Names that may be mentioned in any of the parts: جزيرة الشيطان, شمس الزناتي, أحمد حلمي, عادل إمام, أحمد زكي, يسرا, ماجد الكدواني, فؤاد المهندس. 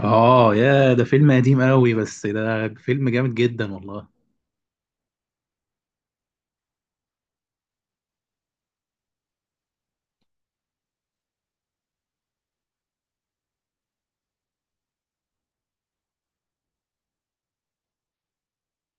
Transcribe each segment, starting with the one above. اه، يا ده فيلم قديم قوي، بس ده فيلم جامد جدا والله.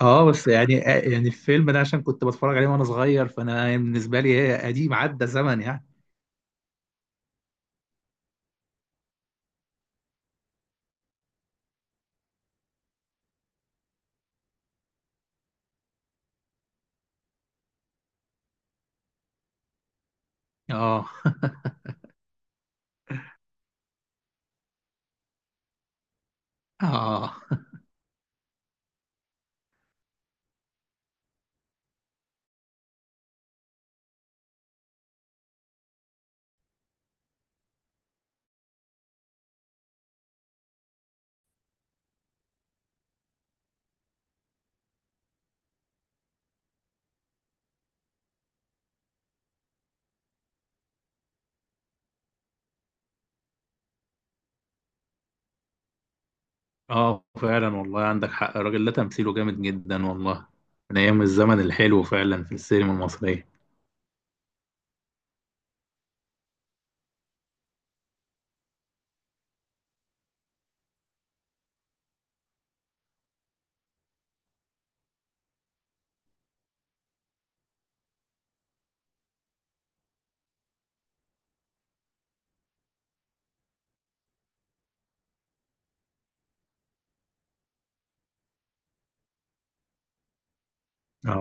اه بس يعني يعني الفيلم ده عشان كنت بتفرج عليه وانا صغير، فانا بالنسبه لي هي قديم عدى زمن يعني. اه. اه. اه فعلا والله عندك حق، الراجل ده تمثيله جامد جدا والله، من ايام الزمن الحلو فعلا في السينما المصريه. اه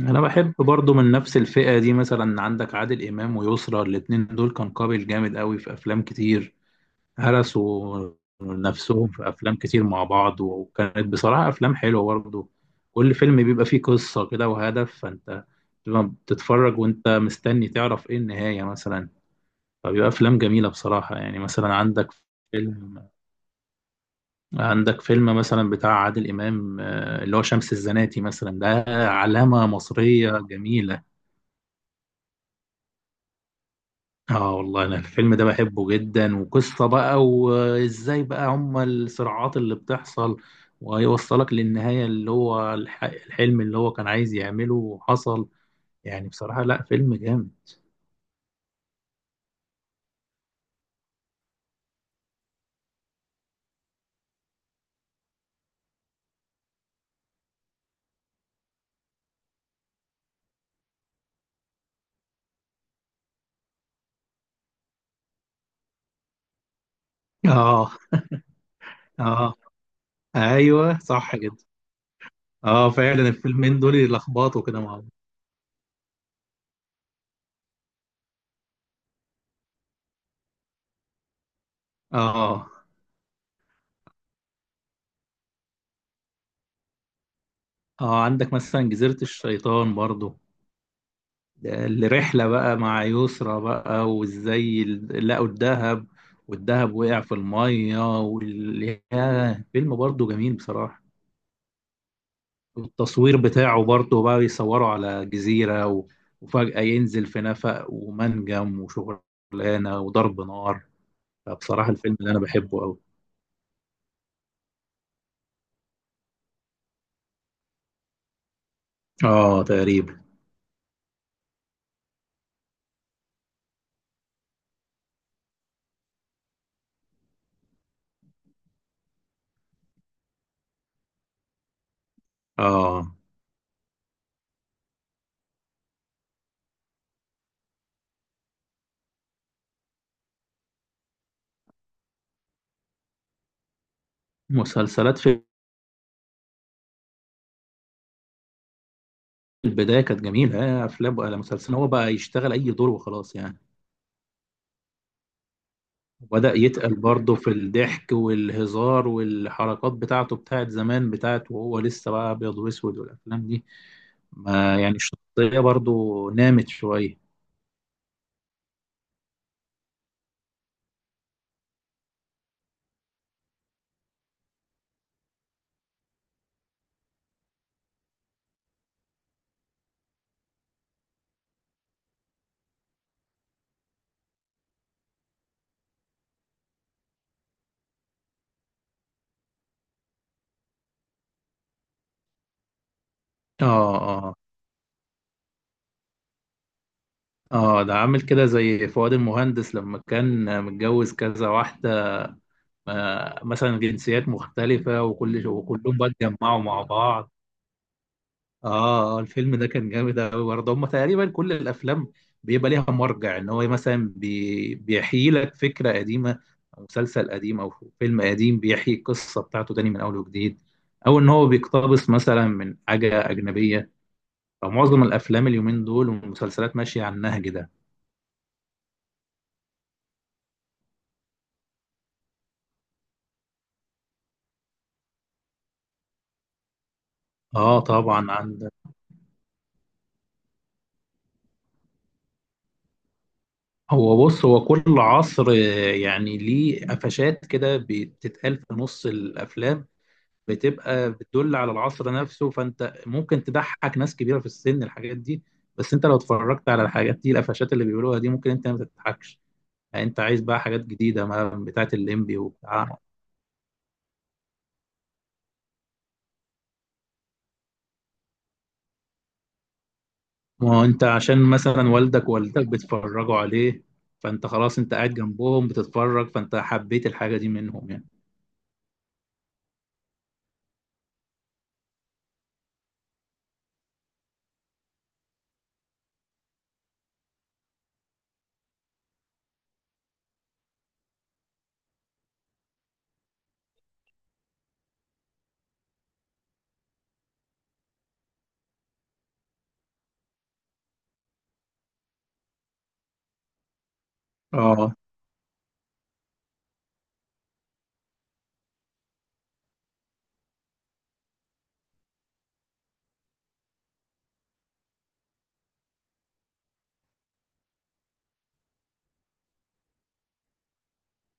انا بحب برضو من نفس الفئه دي، مثلا عندك عادل امام ويسرا، الاتنين دول كان قابل جامد قوي في افلام كتير، هرسوا نفسهم في أفلام كتير مع بعض، وكانت بصراحة أفلام حلوة برضه. كل فيلم بيبقى فيه قصة كده وهدف، فأنت بتبقى بتتفرج وأنت مستني تعرف إيه النهاية مثلا. فبيبقى أفلام جميلة بصراحة، يعني مثلا فيلم عندك فيلم مثلا بتاع عادل إمام، اللي هو شمس الزناتي مثلا، ده علامة مصرية جميلة. اه والله انا الفيلم ده بحبه جدا، وقصة بقى وازاي بقى هما الصراعات اللي بتحصل، وهيوصلك للنهاية اللي هو الحلم اللي هو كان عايز يعمله وحصل. يعني بصراحة لا، فيلم جامد. اه. اه ايوه صح كده. اه فعلا الفيلمين دول يلخبطوا كده مع بعض. اه. اه عندك مثلا جزيرة الشيطان برضو، الرحلة بقى مع يسرى بقى، وازاي لقوا الذهب، والذهب وقع في المية ياه، فيلم برضه جميل بصراحة. والتصوير بتاعه برضه بقى بيصوروا على جزيرة، وفجأة ينزل في نفق ومنجم وشغلانة وضرب نار. فبصراحة الفيلم اللي أنا بحبه أوي. آه تقريبا. آه مسلسلات في البداية كانت جميلة، أفلام ولا مسلسل، هو بقى يشتغل أي دور وخلاص يعني. وبدأ يتقل برضه في الضحك والهزار والحركات بتاعته، بتاعت زمان، بتاعت وهو لسه بقى أبيض وأسود والأفلام دي، ما يعني الشخصية برضه نامت شوية. آه آه. آه ده عامل كده زي فؤاد المهندس لما كان متجوز كذا واحدة، آه مثلا جنسيات مختلفة، وكلهم بقى اتجمعوا مع بعض. اه. الفيلم ده كان جامد قوي برضه. هم تقريبا كل الافلام بيبقى ليها مرجع، ان هو مثلا بيحيي لك فكره قديمه، او مسلسل قديم، او فيلم قديم، بيحيي القصه بتاعته تاني من اول وجديد، او ان هو بيقتبس مثلا من حاجه اجنبيه. فمعظم الافلام اليومين دول والمسلسلات ماشيه على النهج ده. اه طبعا عندك. هو بص، هو كل عصر يعني ليه قفشات كده بتتقال في نص الافلام، بتبقى بتدل على العصر نفسه، فانت ممكن تضحك ناس كبيره في السن الحاجات دي، بس انت لو اتفرجت على الحاجات دي، القفشات اللي بيقولوها دي ممكن انت ما تضحكش. يعني انت عايز بقى حاجات جديده ما بتاعت الليمبي وبتاع. ما هو انت عشان مثلا والدك ووالدتك بيتفرجوا عليه، فانت خلاص انت قاعد جنبهم بتتفرج، فانت حبيت الحاجه دي منهم يعني. اه.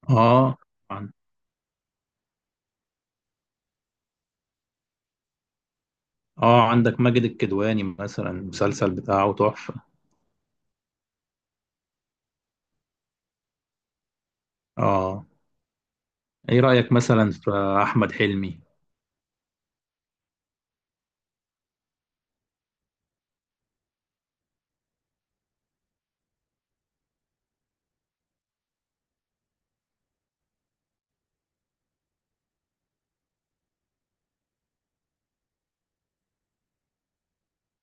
اه. عن- اه عندك ماجد الكدواني مثلا، المسلسل بتاعه تحفه. اه، ايه رايك مثلا في احمد حلمي؟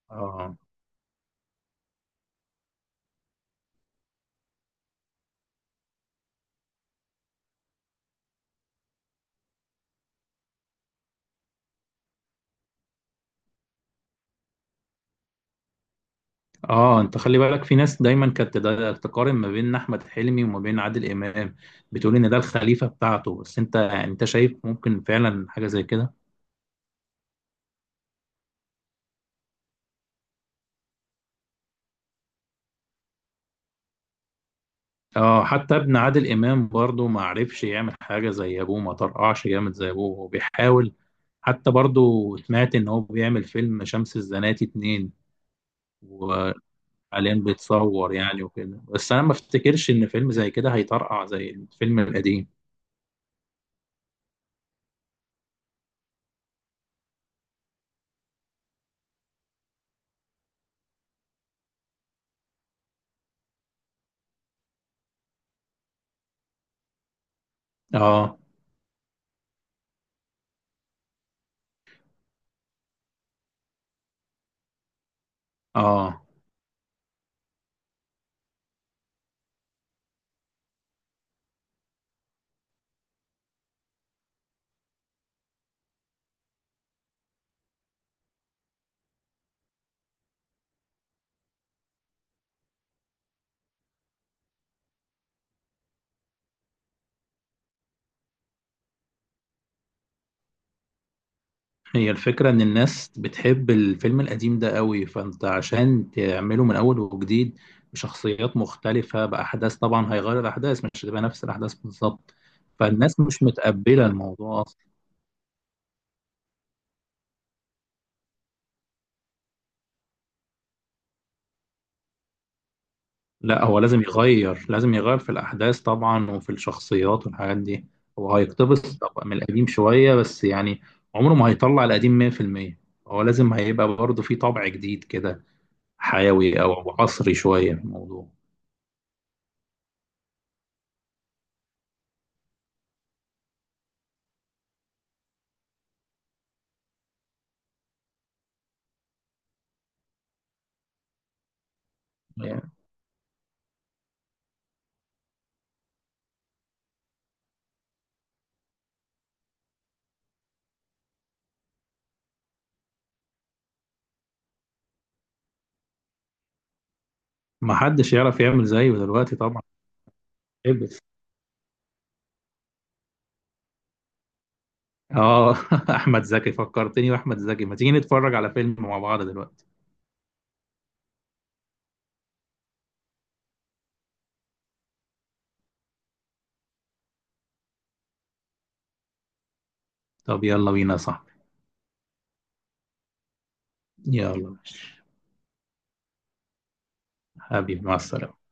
اه. اه انت خلي بالك، في ناس دايما كانت تقارن ما بين احمد حلمي وما بين عادل امام، بتقول ان ده الخليفه بتاعته، بس انت يعني انت شايف ممكن فعلا حاجه زي كده؟ اه حتى ابن عادل امام برضه ما عرفش يعمل حاجه زي ابوه، ما طرقعش جامد زي ابوه، هو بيحاول. حتى برضه سمعت ان هو بيعمل فيلم شمس الزناتي اتنين، وحاليا بيتصور يعني وكده، بس انا ما افتكرش ان فيلم زي كده هيطرقع زي الفيلم القديم. اه. اه هي الفكرة إن الناس بتحب الفيلم القديم ده قوي، فأنت عشان تعمله من أول وجديد بشخصيات مختلفة، بأحداث طبعا هيغير الأحداث، مش هتبقى نفس الأحداث بالظبط، فالناس مش متقبلة الموضوع أصلا. لا هو لازم يغير، لازم يغير في الأحداث طبعا وفي الشخصيات والحاجات دي. هو هيقتبس طبعا من القديم شوية بس يعني، عمره ما هيطلع القديم 100%. هو لازم هيبقى برضه فيه طبع جديد كده، حيوي أو عصري شوية في الموضوع. ما حدش يعرف يعمل زيه دلوقتي طبعا. ابس. اه. احمد زكي فكرتني، واحمد زكي ما تيجي نتفرج على فيلم مع بعض دلوقتي؟ طب يلا بينا يا صاحبي. يلا حبيبي، مع السلامة.